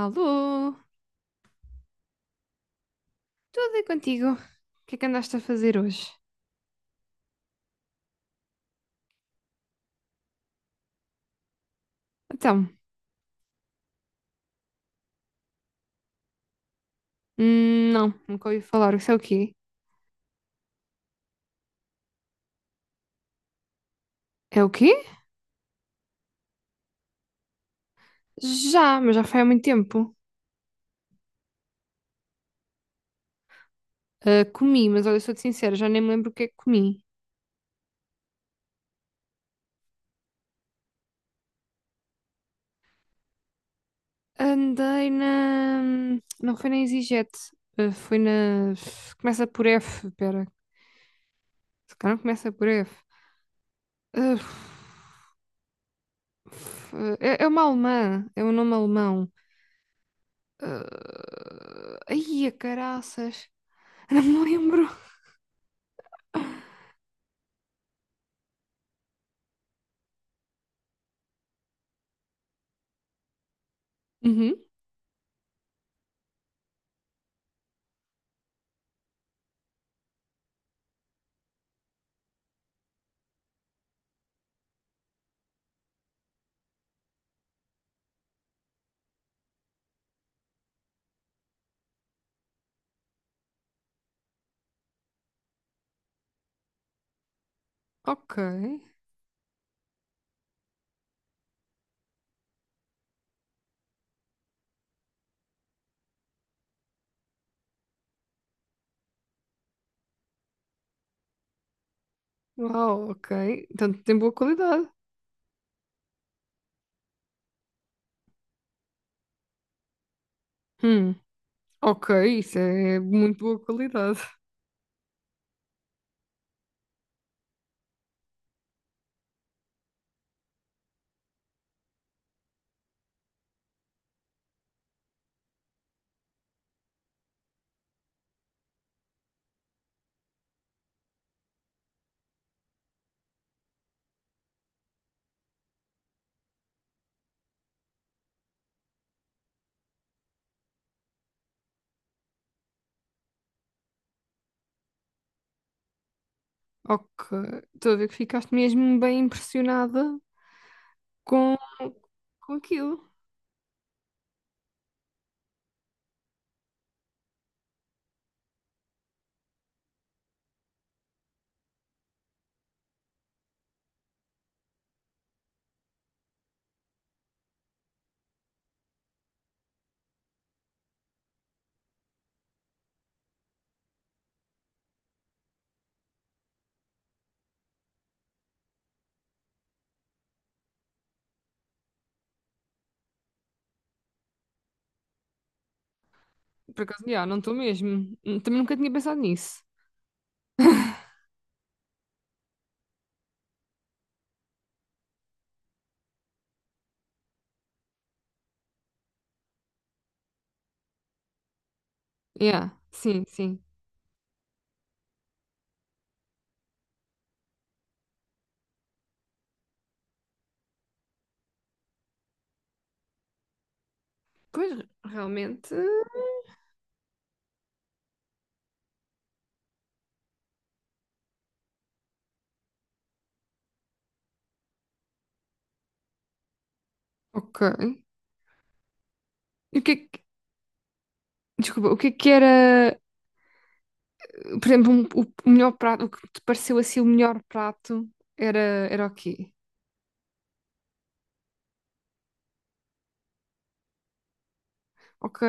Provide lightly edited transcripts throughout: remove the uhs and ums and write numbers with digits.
Alô, tudo é contigo? O que é que andaste a fazer hoje? Então, não, nunca ouvi falar. Isso é o quê? É o quê? Já, mas já foi há muito tempo. Ah, comi, mas olha, sou-te sincera, já nem me lembro o que é que comi. Andei na. Não foi na EasyJet, foi na. Começa por F, pera. Se calhar não começa por F. Ah, f- é, é uma alemã, é um nome alemão. Ah, ai, a caraças, não me lembro. Uhum. Ok. Uau, ok. Então tem boa qualidade. Hum, ok, isso é muito boa qualidade. Ok. Estou a ver que ficaste mesmo bem impressionada com, com aquilo. Por acaso, já, não estou mesmo. Também nunca tinha pensado nisso. Yeah, sim, sim. Pois, realmente. Ok. E o que é que, desculpa, o que é que era, por exemplo, o melhor prato, o que te pareceu assim o melhor prato era, era o quê? Ok.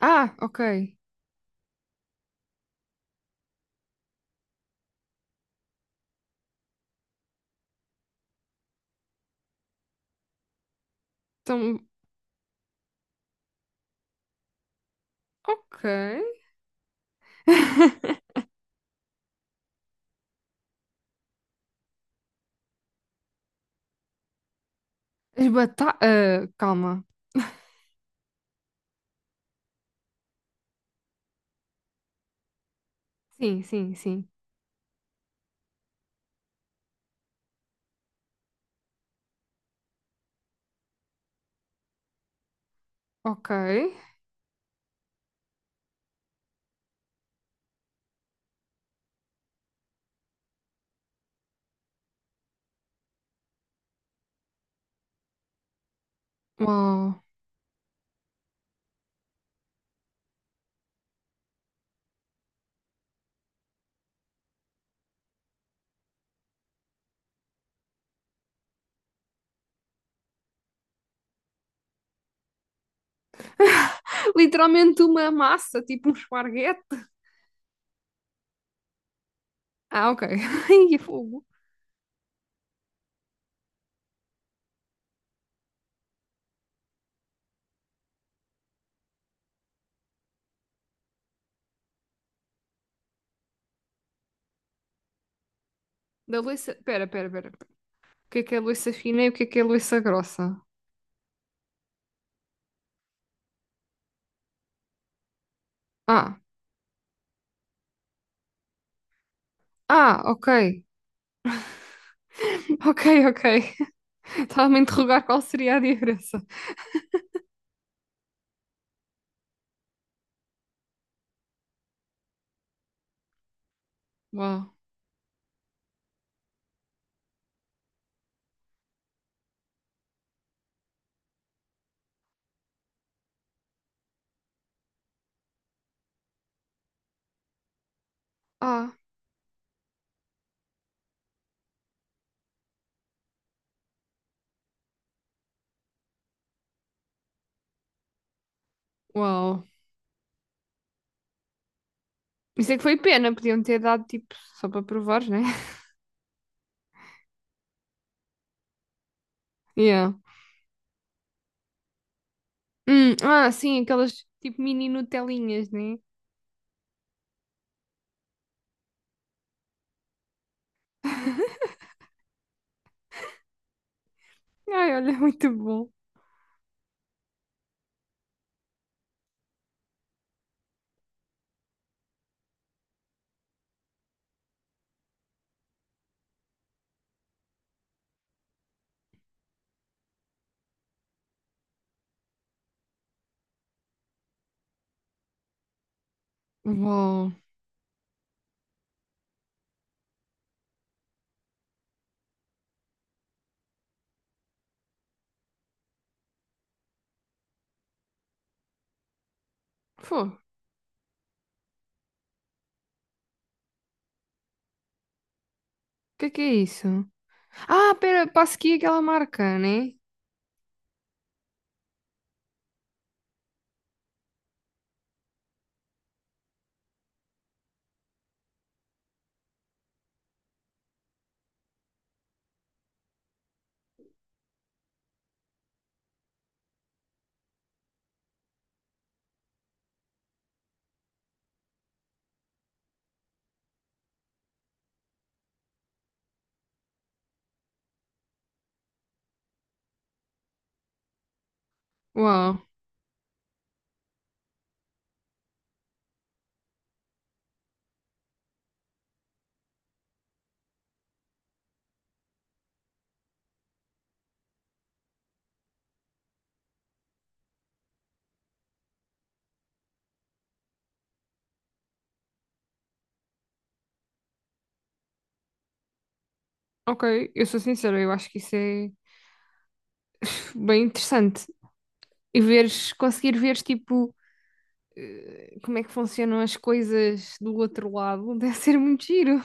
Ah, ok. Então, ok. As bata... ah, calma. Sim, sim, sim. Ok. Uau. Literalmente uma massa, tipo um esparguete. Ah, ok. Ai, é fogo. Da louça... pera, pera, pera. Pera. O que é louça fina e o que é louça grossa? Ah. Ah, ok. Ok, ok. Estava-me a interrogar qual seria a diferença. Uau. Ah, uau. Isso é que foi pena. Podiam ter dado, tipo, só para provar, né? Yeah. Ah, sim, aquelas tipo mini Nutelinhas, né? Ai, olha, muito bom. Uau. Fô, o que é isso? Ah, pera, Passequi é aquela marca, né? Uau. Ok, eu sou sincera, eu acho que isso é pff, bem interessante. E veres, conseguir veres, tipo, como é que funcionam as coisas do outro lado, deve ser muito giro.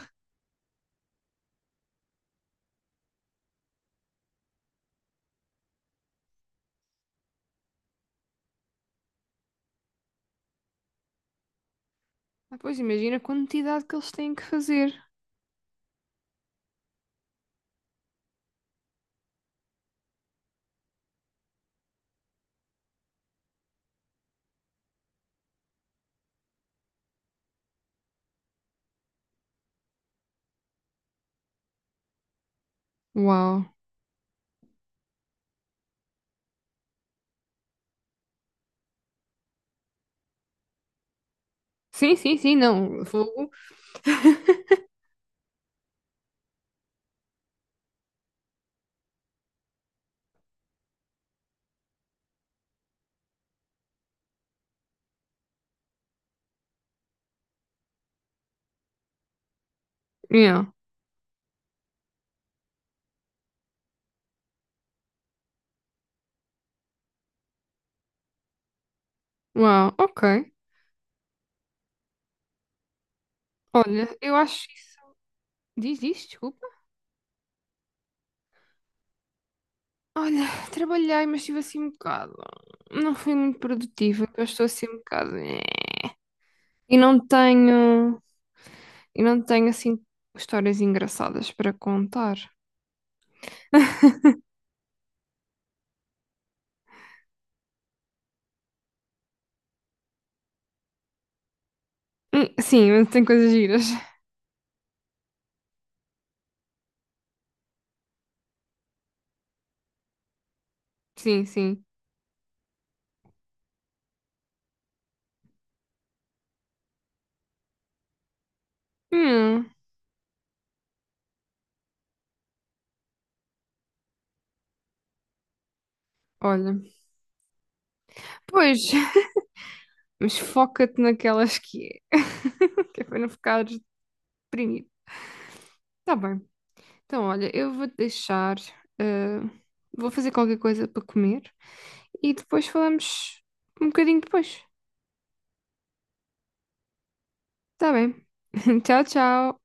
Ah, pois, imagina a quantidade que eles têm que fazer. Uau. Sim, sim, sim, não. Fogo. Yeah. Uau, ok. Olha, eu acho isso. Diz isso, desculpa. Olha, trabalhei, mas estive assim um bocado. Não fui muito produtiva, que eu estou assim um bocado. Eh. E não tenho. E não tenho assim histórias engraçadas para contar. Sim, mas tem coisas giras. Sim, sim. Hum, olha. Pois, mas foca-te naquelas que é. Que é para não ficares deprimido. Tá bem. Então, olha, eu vou te deixar, eh, vou fazer qualquer coisa para comer e depois falamos um bocadinho depois. Tá bem? Tchau, tchau.